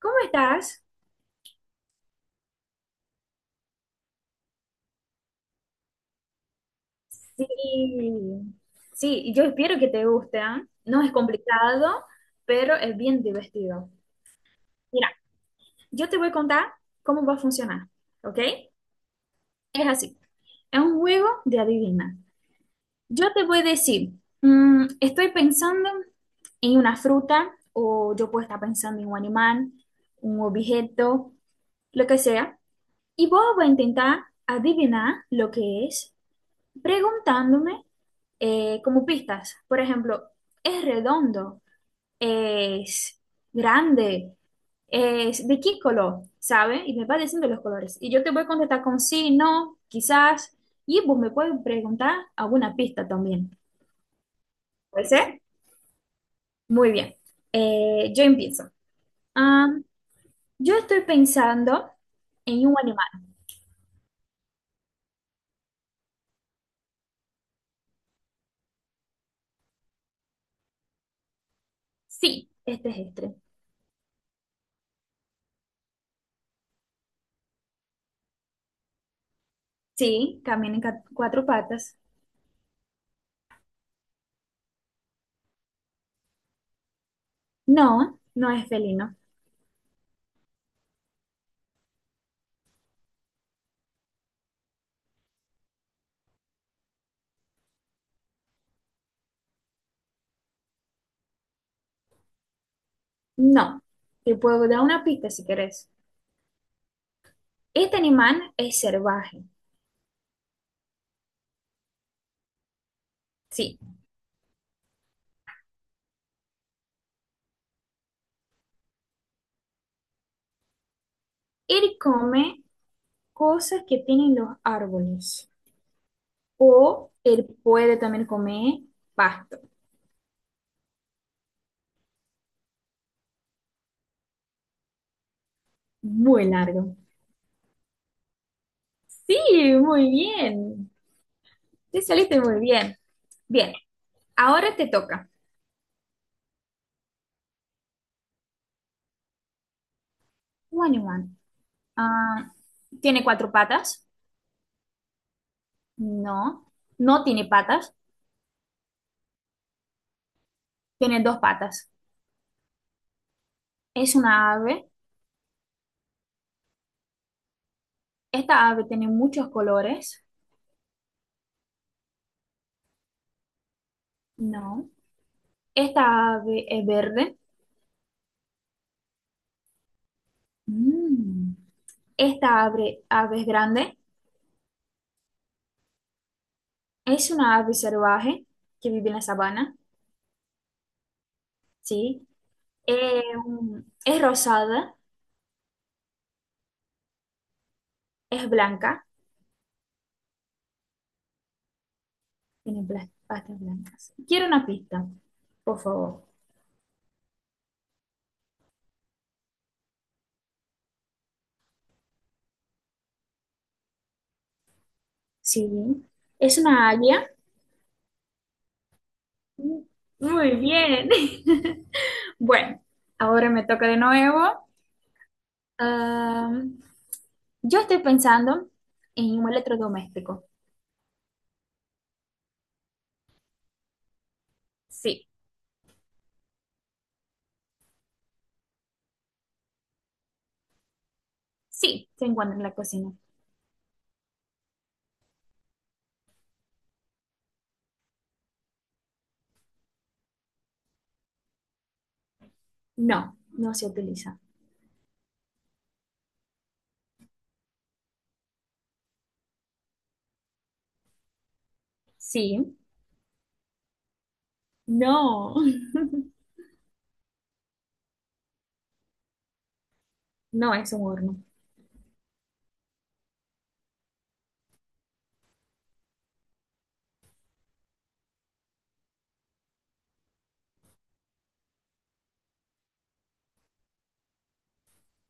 ¿Cómo estás? Sí, sí, yo espero que te guste, ¿ah? No es complicado, pero es bien divertido. Mira, yo te voy a contar cómo va a funcionar, ¿ok? Es así, es un juego de adivina. Yo te voy a decir, estoy pensando en una fruta, o yo puedo estar pensando en un animal, un objeto, lo que sea, y vos vas a intentar adivinar lo que es, preguntándome como pistas. Por ejemplo, es redondo, es grande, es de qué color, ¿sabe? Y me va diciendo los colores. Y yo te voy a contestar con sí, no, quizás. Y vos me puedes preguntar alguna pista también. ¿Puede ser? Muy bien. Yo empiezo. Am, yo estoy pensando en un animal. Sí, este es. Sí, camina en cuatro patas. No, no es felino. No. Te puedo dar una pista si querés. Este animal es salvaje, sí. Él come cosas que tienen los árboles o él puede también comer pasto. Muy largo. Sí, muy bien. Te saliste muy bien. Bien, ahora te toca. Un animal. Ah, ¿tiene cuatro patas? No. No tiene patas. Tiene dos patas. ¿Es una ave? ¿Esta ave tiene muchos colores? No. ¿Esta ave es verde? Mm. Esta ave es grande, es una ave salvaje que vive en la sabana, ¿sí? Eh, es rosada, es blanca, tiene patas blancas. Quiero una pista, por favor. Sí, es una águila. Muy bien. Bueno, ahora me toca de nuevo. Am, yo estoy pensando en un electrodoméstico. Sí, sí, se encuentra en la cocina. No, no se utiliza. Sí. No, no es un horno.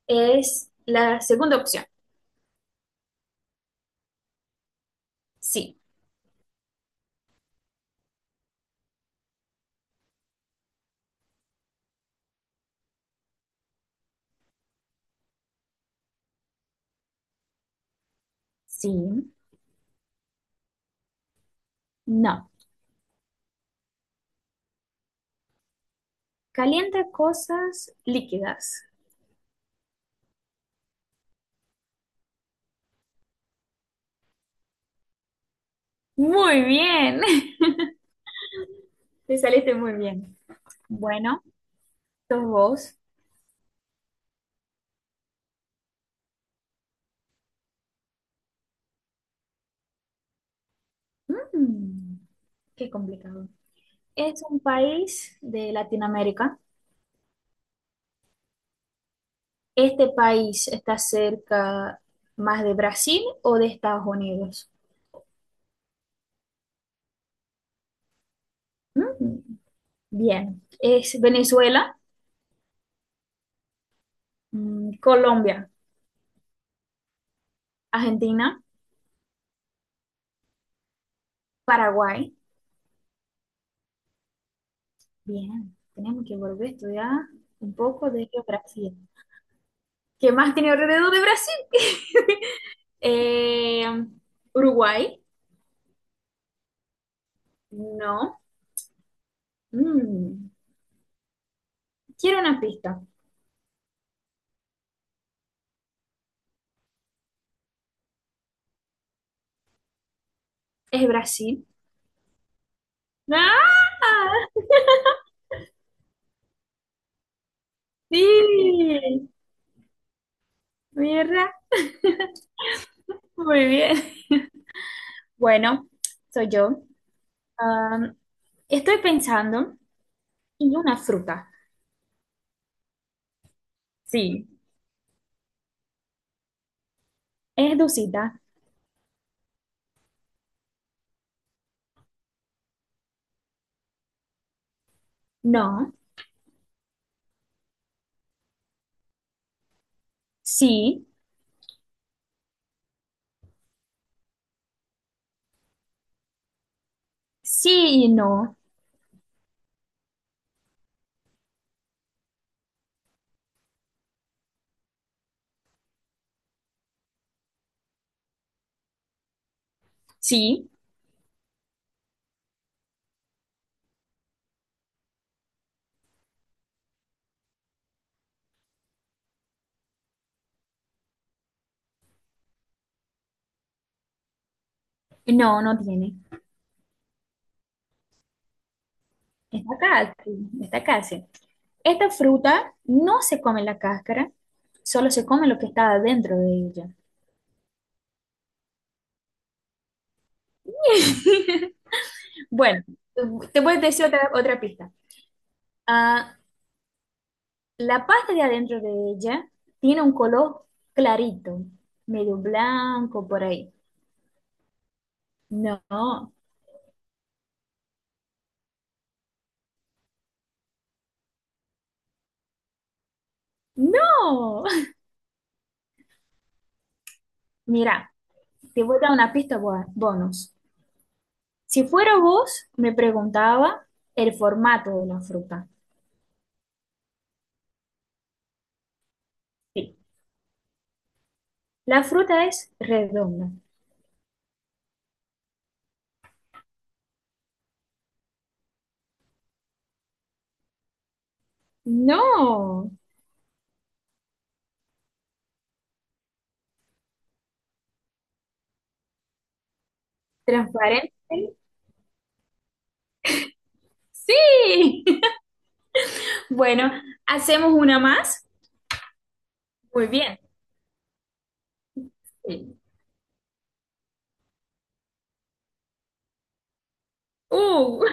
Es la segunda opción. Sí. Sí, no. Calienta cosas líquidas. Muy bien, te saliste muy bien. Bueno, dos vos. mm, qué complicado. Es un país de Latinoamérica. ¿Este país está cerca más de Brasil o de Estados Unidos? Mm, bien. Es Venezuela, Colombia, Argentina. Paraguay. Bien, tenemos que volver a estudiar un poco de geografía. ¿Qué más tiene alrededor de Brasil? Eh, Uruguay. No. Mm, quiero una pista. Es Brasil. ¡Ah! Sí. Mierda. Muy bien. Bueno, soy yo. Am, estoy pensando en una fruta. Sí. ¿Es dulcita? No. Sí. Sí, no. Sí. No, no tiene. Está casi, está casi. Esta fruta no se come la cáscara, solo se come lo que está dentro de ella. Bueno, te voy a decir otra pista. Ah, la parte de adentro de ella tiene un color clarito, medio blanco por ahí. No, no. Mira, te voy a dar una pista bonus. Si fuera vos, me preguntaba el formato de la fruta. Sí, la fruta es redonda. No, transparente. Sí. Bueno, hacemos una más. Muy bien. Sí. Uh,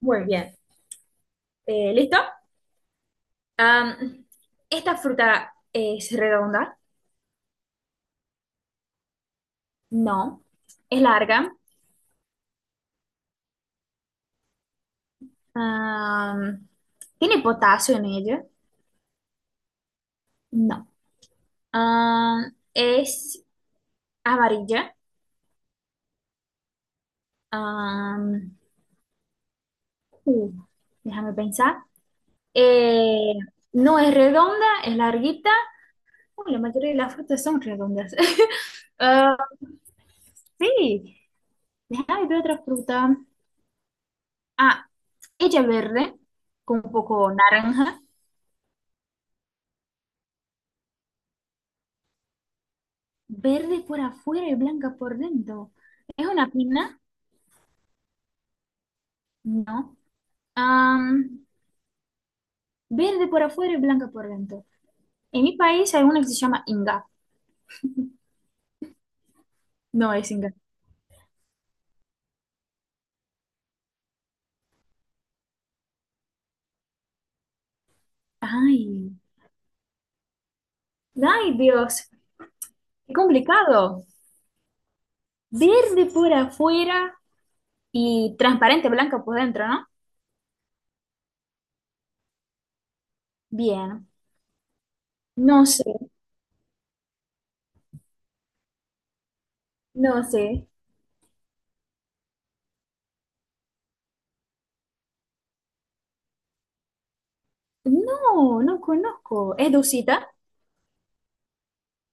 muy bien. ¿Listo? Am, ¿Esta fruta es redonda? No. ¿Es larga? Am, ¿Tiene potasio en ella? No. ¿Es amarilla? Am, uh, déjame pensar. Eh, no es redonda, es larguita. La mayoría de las frutas son redondas. Ah, sí, déjame ver otra fruta. Ah, ella verde, con un poco naranja. Verde por afuera y blanca por dentro. ¿Es una pina? No. Am, verde por afuera y blanca por dentro. En mi país hay una que se llama Inga. No es Inga. Ay, ay, Dios. Qué complicado. Verde por afuera y transparente blanca por dentro, ¿no? Bien. No sé, no sé. No, no conozco. ¿Es dulcita?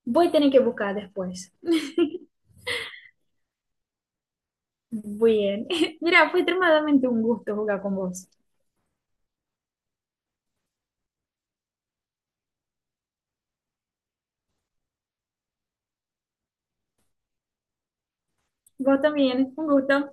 Voy a tener que buscar después. Bien. Mira, fue extremadamente un gusto jugar con vos. Vos también, un gusto.